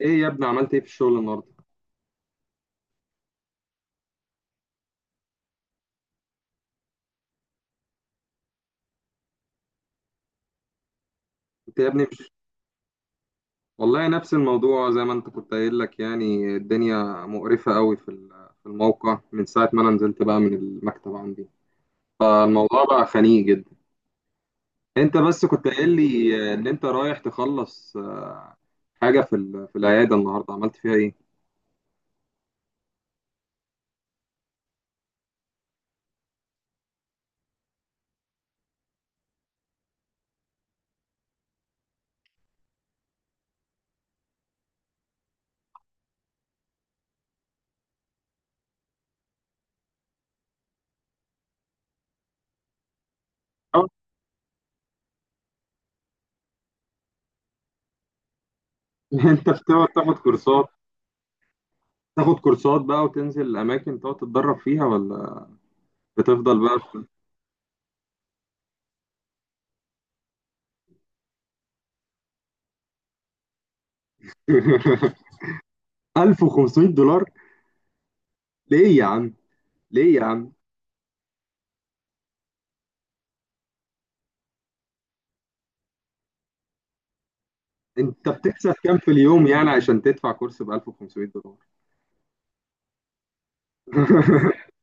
ايه يا ابني، عملت ايه في الشغل النهارده؟ انت يا ابني مش... والله نفس الموضوع زي ما انت كنت قايل، لك يعني الدنيا مقرفة قوي في الموقع من ساعة ما انا نزلت بقى من المكتب عندي. فالموضوع بقى خنيق جدا. انت بس كنت قايل لي ان انت رايح تخلص حاجة في العيادة النهارده، عملت فيها ايه؟ أو- انت بتقعد تاخد كورسات؟ تاخد كورسات بقى وتنزل اماكن تقعد تتدرب فيها، ولا بتفضل بقى؟ $1500؟ ليه يا عم؟ ليه يا عم؟ انت بتكسب كام في اليوم يعني عشان تدفع كورس ب $1500؟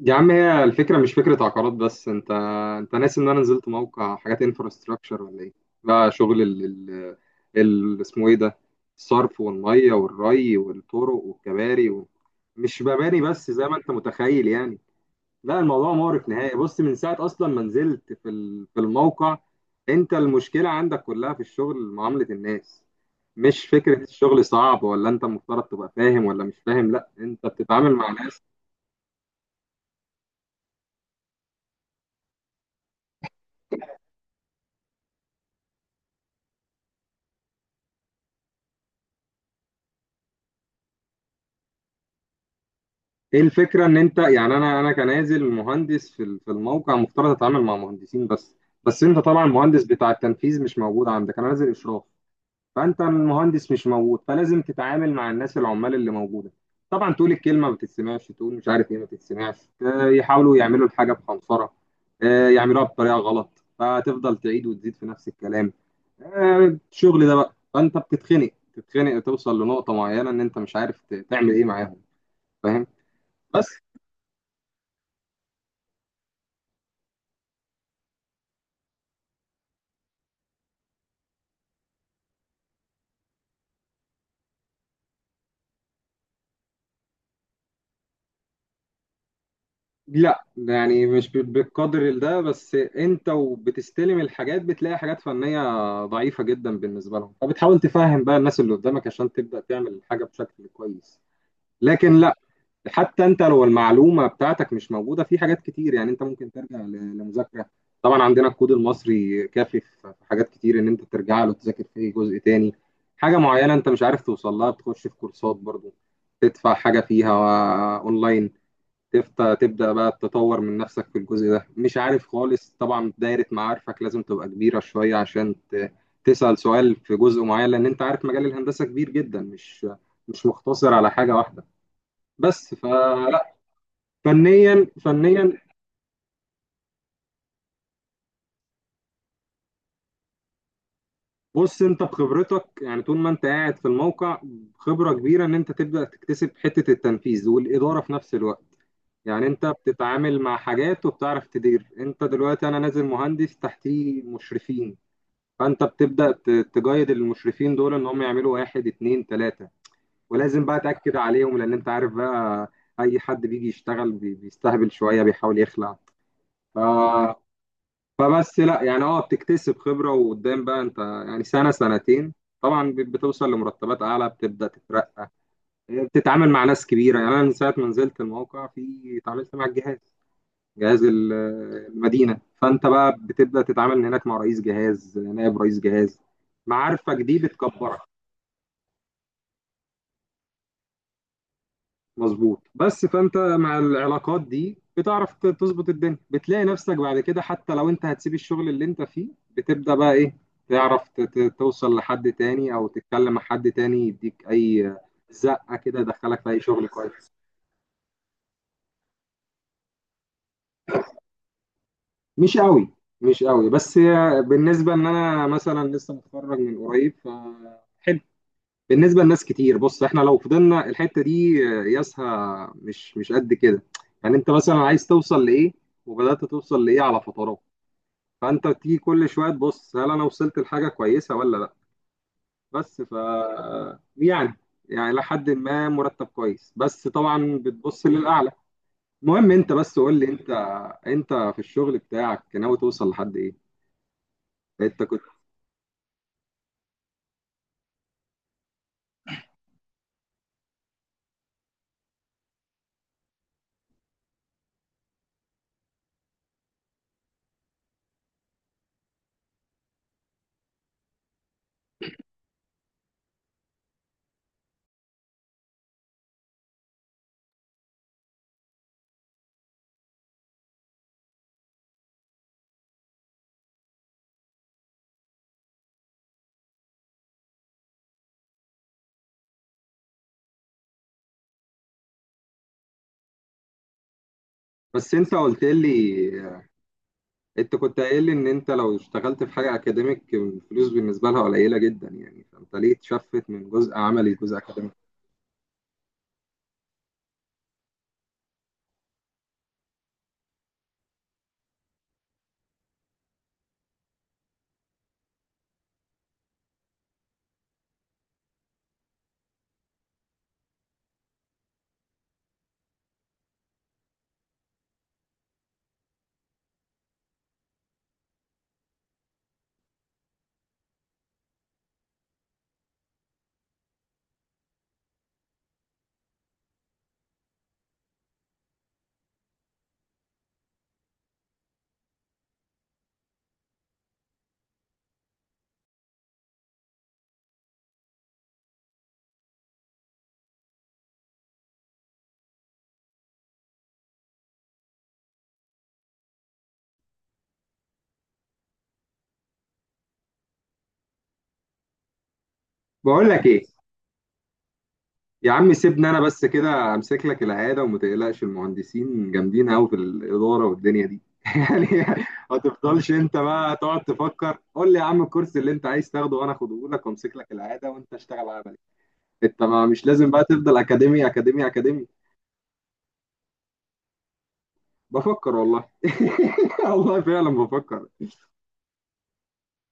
يا عم، هي الفكره مش فكره عقارات بس. انت ناسي ان انا نزلت موقع حاجات انفراستراكشر ولا ايه؟ بقى شغل اسمه ايه ده؟ الصرف والميه والري والطرق والكباري و... مش مباني بس زي ما انت متخيل يعني. لا، الموضوع مغرق نهائي. بص، من ساعة أصلا ما نزلت في الموقع. أنت المشكلة عندك كلها في الشغل، معاملة الناس. مش فكرة الشغل صعب ولا أنت المفترض تبقى فاهم ولا مش فاهم، لا، أنت بتتعامل مع ناس. إيه الفكرة إن أنت يعني؟ أنا كنازل مهندس في الموقع، مفترض أتعامل مع مهندسين بس. بس أنت طبعا المهندس بتاع التنفيذ مش موجود عندك، أنا نازل إشراف. فانت المهندس مش موجود، فلازم تتعامل مع الناس العمال اللي موجوده. طبعا تقول الكلمه ما بتتسمعش، تقول مش عارف ايه، ما بتتسمعش. يحاولوا يعملوا الحاجه بخنصره، يعملوها بطريقه غلط، فتفضل تعيد وتزيد في نفس الكلام. الشغل ده بقى، فانت بتتخنق، تتخنق، توصل لنقطه معينه ان انت مش عارف تعمل ايه معاهم، فاهم؟ بس لا، يعني مش ب- بالقدر ده، بس انت وبتستلم الحاجات بتلاقي حاجات فنية ضعيفة جدا بالنسبة لهم، فبتحاول تفهم بقى الناس اللي قدامك عشان تبدأ تعمل حاجة بشكل كويس. لكن لا، حتى انت لو المعلومة بتاعتك مش موجودة في حاجات كتير، يعني انت ممكن ترجع لمذاكرة. طبعا عندنا الكود المصري كافي في في حاجات كتير، ان انت ترجع له تذاكر فيه. جزء تاني، حاجة معينة انت مش عارف توصل لها، بتخش في كورسات برضو، تدفع حاجة فيها اونلاين، تبدأ بقى تطور من نفسك في الجزء ده. مش عارف خالص، طبعا دايرة معارفك لازم تبقى كبيرة شوية عشان تسأل سؤال في جزء معين، لأن أنت عارف مجال الهندسة كبير جدا، مش مقتصر على حاجة واحدة بس. فلا فنيا، فنيا، بص أنت بخبرتك يعني طول ما أنت قاعد في الموقع، خبرة كبيرة إن أنت تبدأ تكتسب حتة التنفيذ والإدارة في نفس الوقت. يعني أنت بتتعامل مع حاجات وبتعرف تدير. أنت دلوقتي أنا نازل مهندس تحتيه مشرفين، فانت بتبدا تجايد المشرفين دول ان هم يعملوا واحد اتنين تلاته، ولازم بقى تاكد عليهم، لان انت عارف بقى اي حد بيجي يشتغل بيستهبل شويه، بيحاول يخلع. ف... فبس لا، يعني اه بتكتسب خبره، وقدام بقى انت يعني سنه سنتين، طبعا بتوصل لمرتبات اعلى، بتبدا تترقى، بتتعامل مع ناس كبيره. يعني انا من ساعه ما نزلت الموقع في اتعاملت مع الجهاز، جهاز المدينة، فأنت بقى بتبدأ تتعامل هناك مع رئيس جهاز، نائب رئيس جهاز، معارفك دي بتكبرك. مظبوط، بس فأنت مع العلاقات دي بتعرف تظبط الدنيا، بتلاقي نفسك بعد كده حتى لو أنت هتسيب الشغل اللي أنت فيه بتبدأ بقى إيه، تعرف توصل لحد تاني أو تتكلم مع حد تاني يديك أي زقة كده يدخلك في أي شغل كويس. مش قوي، مش قوي، بس هي بالنسبة إن أنا مثلا لسه متخرج من قريب. ف بالنسبه لناس كتير، بص احنا لو فضلنا الحته دي قياسها مش، مش قد كده. يعني انت مثلا عايز توصل لايه، وبدات توصل لايه على فترات؟ فانت تيجي كل شويه تبص هل انا وصلت لحاجه كويسه ولا لا. بس ف يعني، يعني لحد ما مرتب كويس، بس طبعا بتبص للاعلى. المهم انت بس قول لي انت، انت في الشغل بتاعك ناوي توصل لحد ايه؟ انت كنت... بس انت قلت لي انت كنت قايل لي ان انت لو اشتغلت في حاجه اكاديميك الفلوس بالنسبه لها قليله جدا، يعني فانت ليه تشفت من جزء عملي لجزء اكاديميك؟ بقول لك ايه يا عم، سيبني انا بس كده امسك لك العياده، وما تقلقش، المهندسين جامدين قوي في الاداره والدنيا دي يعني. ما تفضلش انت بقى تقعد تفكر، قول لي يا عم الكورس اللي انت عايز تاخده وانا اخده لك، وامسك لك العياده وانت اشتغل عملي. انت ما مش لازم بقى تفضل اكاديمي اكاديمي اكاديمي. بفكر والله. والله فعلا بفكر.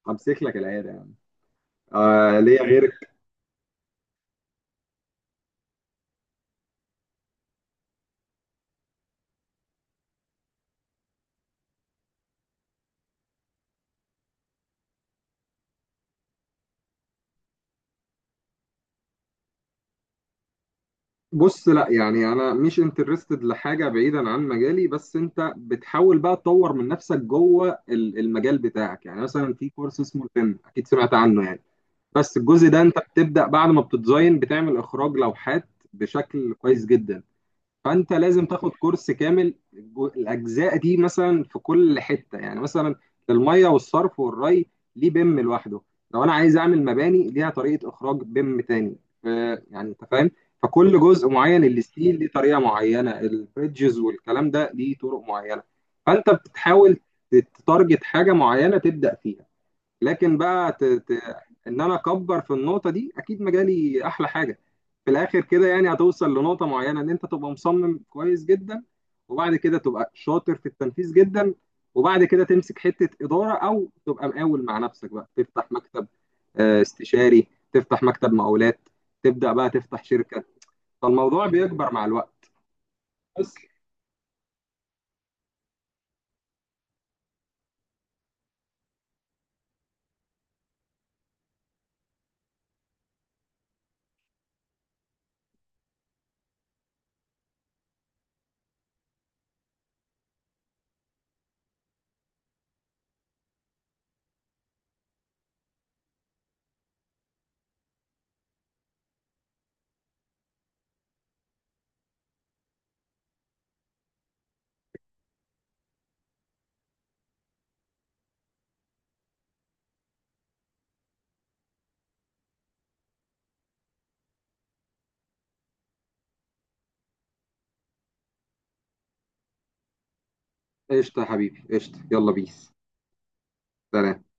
امسك لك العياده، آه ليا غيرك. بص لا يعني انا مش انترستد لحاجه بعيدا عن مجالي، بس انت بتحاول بقى تطور من نفسك جوه المجال بتاعك. يعني مثلا في كورس اسمه الفن، اكيد سمعت عنه يعني، بس الجزء ده انت بتبدا بعد ما بتديزاين بتعمل اخراج لوحات بشكل كويس جدا. فانت لازم تاخد كورس كامل. الاجزاء دي مثلا في كل حته، يعني مثلا الميه والصرف والري ليه بيم لوحده، لو انا عايز اعمل مباني ليها طريقه اخراج بيم تاني. ف- يعني انت فاهم. فكل جزء معين، الستيل ليه طريقه معينه، البريدجز والكلام ده ليه طرق معينه. فانت بتحاول تتارجت حاجه معينه تبدا فيها. لكن بقى ت... ت... ان انا اكبر في النقطه دي، اكيد مجالي احلى حاجه. في الاخر كده يعني هتوصل لنقطه معينه ان انت تبقى مصمم كويس جدا، وبعد كده تبقى شاطر في التنفيذ جدا، وبعد كده تمسك حته اداره، او تبقى مقاول مع نفسك بقى، تفتح مكتب استشاري، تفتح مكتب مقاولات، تبدا بقى تفتح شركه. فالموضوع بيكبر مع الوقت. بس قشطه يا حبيبي، قشطه، يلا بيس، سلام.